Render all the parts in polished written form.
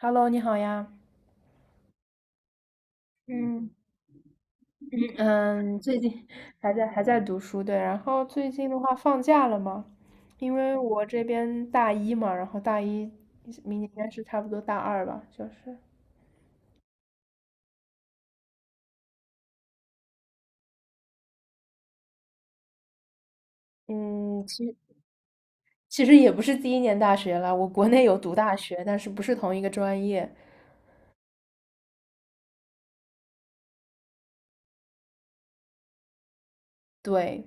Hello，你好呀。嗯嗯，最近还在读书，对。然后最近的话，放假了嘛，因为我这边大一嘛，然后大一明年应该是差不多大二吧，就是。嗯，其实也不是第一年大学了，我国内有读大学，但是不是同一个专业。对，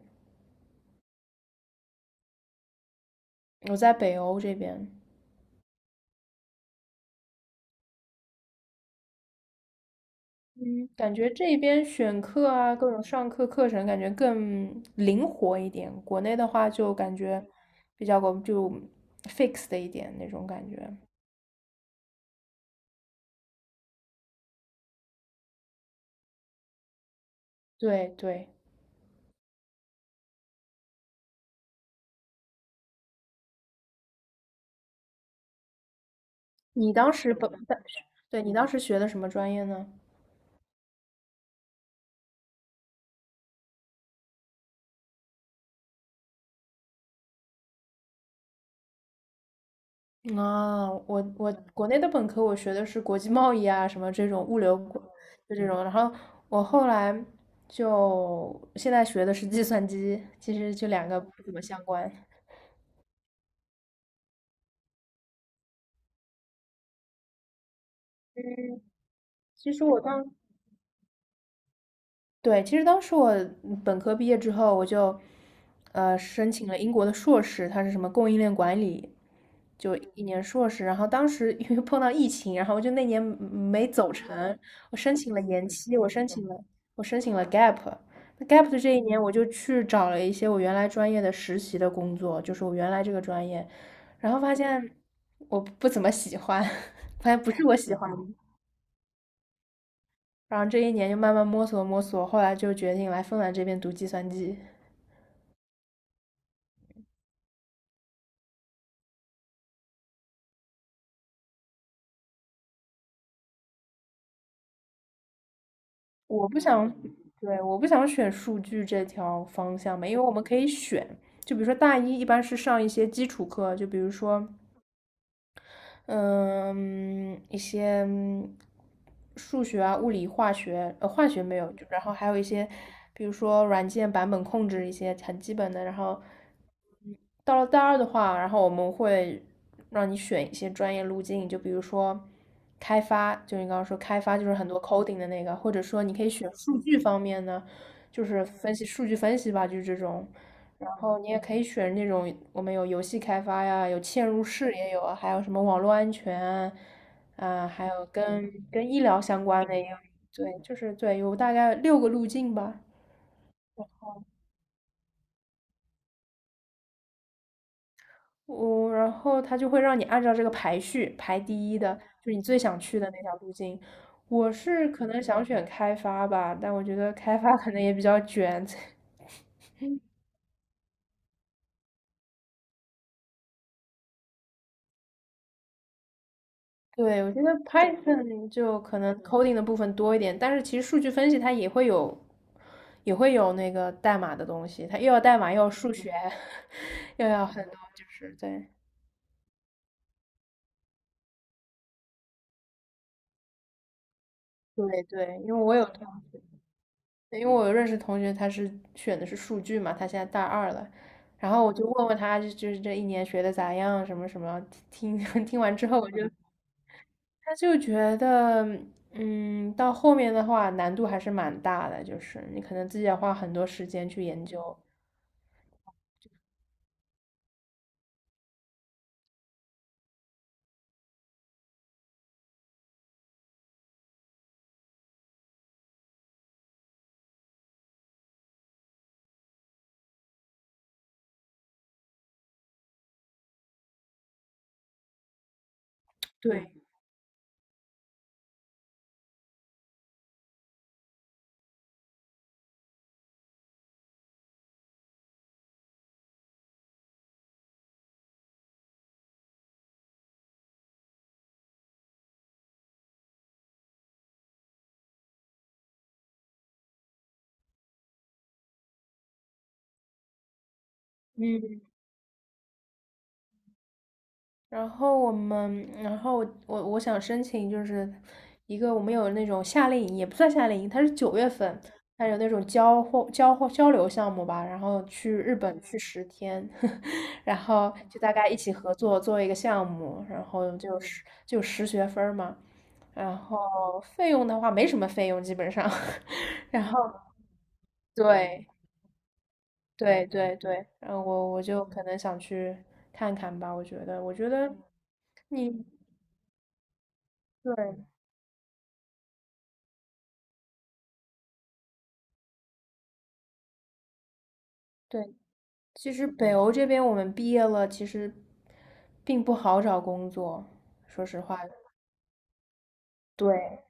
我在北欧这边。嗯，感觉这边选课啊，各种上课课程感觉更灵活一点。国内的话就感觉比较个就 fix 的一点那种感觉。对对，你当时本，但是对你当时学的什么专业呢？啊，我国内的本科我学的是国际贸易啊，什么这种物流，就这种。然后我后来就现在学的是计算机，其实就两个不怎么相关。嗯，其实我当对，其实当时我本科毕业之后，我就申请了英国的硕士，它是什么供应链管理，就一年硕士。然后当时因为碰到疫情，然后我就那年没走成，我申请了延期，我申请了 gap。那 gap 的这一年，我就去找了一些我原来专业的实习的工作，就是我原来这个专业，然后发现我不怎么喜欢，发现不是我喜欢的，然后这一年就慢慢摸索摸索，后来就决定来芬兰这边读计算机。我不想，对，我不想选数据这条方向嘛，因为我们可以选，就比如说大一一般是上一些基础课，就比如说嗯，一些数学啊、物理、化学，化学没有，就然后还有一些，比如说软件版本控制一些很基本的。然后到了大二的话，然后我们会让你选一些专业路径，就比如说开发，就你刚刚说开发就是很多 coding 的那个，或者说你可以选数据方面呢。就是分析数据分析吧，就是这种。然后你也可以选那种我们有游戏开发呀，有嵌入式也有啊还有什么网络安全啊，啊还有跟医疗相关的也有。对，就是对，有大概六个路径吧。然后他就会让你按照这个排序排第一的，就是你最想去的那条路径。我是可能想选开发吧，但我觉得开发可能也比较卷，对，我觉得 Python 就可能 coding 的部分多一点，但是其实数据分析它也会有那个代码的东西，它又要代码，又要数学，又要很多，就是对，对对，因为我有认识同学，他是选的是数据嘛，他现在大二了，然后我就问问他，就是这一年学的咋样，什么什么，听 听完之后，他就觉得，嗯，到后面的话难度还是蛮大的，就是你可能自己要花很多时间去研究。对，嗯，然后我们，然后我想申请就是一个我们有那种夏令营，也不算夏令营，它是九月份，它有那种交流项目吧，然后去日本去10天，然后就大家一起合作做一个项目，然后就10学分儿嘛，然后费用的话没什么费用基本上，然后对对对对，然后我就可能想去看看吧，我觉得我觉得你。对，对，其实北欧这边我们毕业了，其实并不好找工作，说实话。对，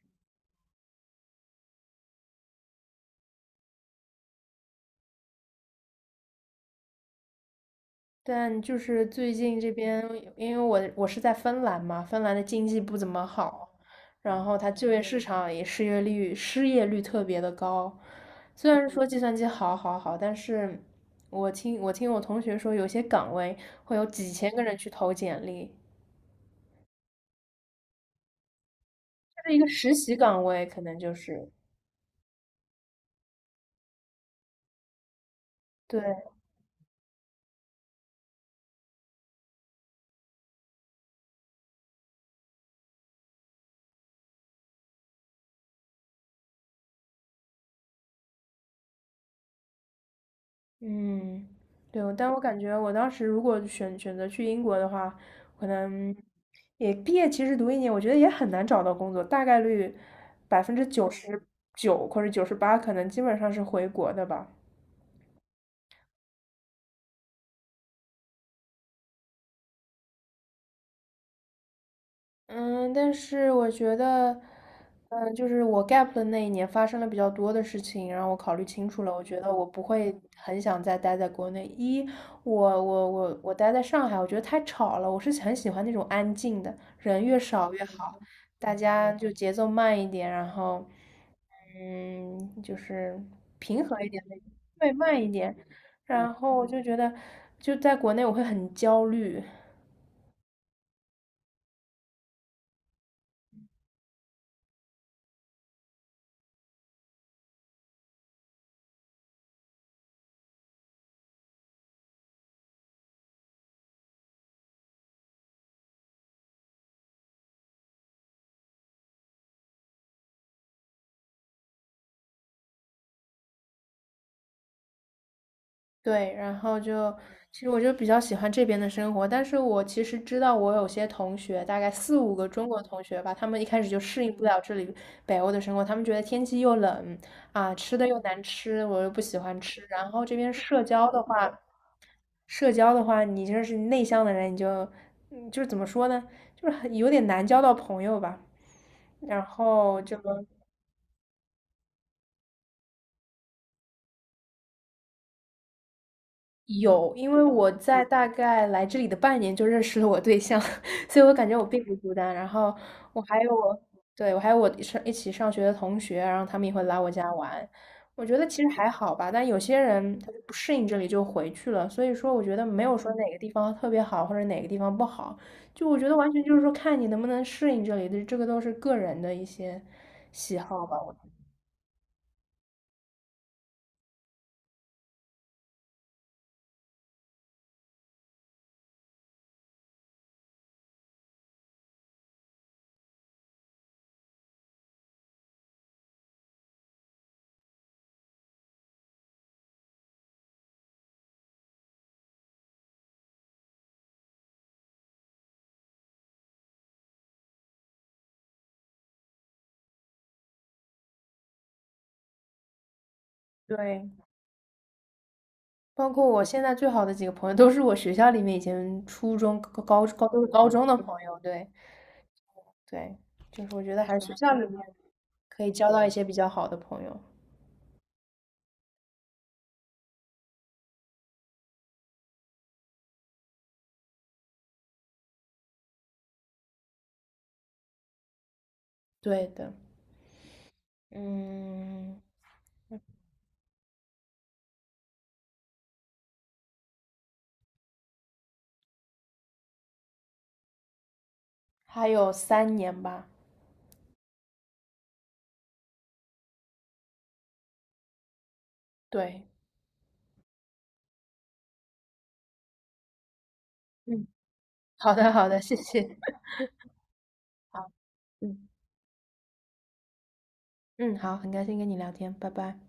但就是最近这边，因为我是在芬兰嘛，芬兰的经济不怎么好，然后它就业市场也失业率特别的高。虽然说计算机好好好，但是我听我同学说，有些岗位会有几千个人去投简历，就是一个实习岗位，可能就是。对。嗯，对，但我感觉我当时如果选择去英国的话，可能也毕业其实读一年，我觉得也很难找到工作，大概率99%或者98，可能基本上是回国的吧。嗯，但是我觉得，就是我 gap 的那一年发生了比较多的事情，然后我考虑清楚了，我觉得我不会很想再待在国内。一，我待在上海，我觉得太吵了，我是很喜欢那种安静的，人越少越好，大家就节奏慢一点，然后，嗯，就是对慢一点，然后我就觉得就在国内我会很焦虑。对，然后就，其实我就比较喜欢这边的生活，但是我其实知道我有些同学，大概四五个中国同学吧，他们一开始就适应不了这里北欧的生活，他们觉得天气又冷啊，吃的又难吃，我又不喜欢吃，然后这边社交的话，你就是内向的人，你就，嗯就是怎么说呢，就是很有点难交到朋友吧，然后就。有，因为我在大概来这里的半年就认识了我对象，所以我感觉我并不孤单。然后我还有我，对，我还有我上一起上学的同学，然后他们也会来我家玩。我觉得其实还好吧，但有些人他就不适应这里就回去了。所以说，我觉得没有说哪个地方特别好或者哪个地方不好，就我觉得完全就是说看你能不能适应这里的，这个都是个人的一些喜好吧。对，包括我现在最好的几个朋友，都是我学校里面以前初中、高高高都是高中的朋友。对对，就是我觉得还是学校里面可以交到一些比较好的朋友。对的，嗯，还有3年吧。对，嗯，好的好的，谢谢。好，嗯嗯，好，很开心跟你聊天，拜拜。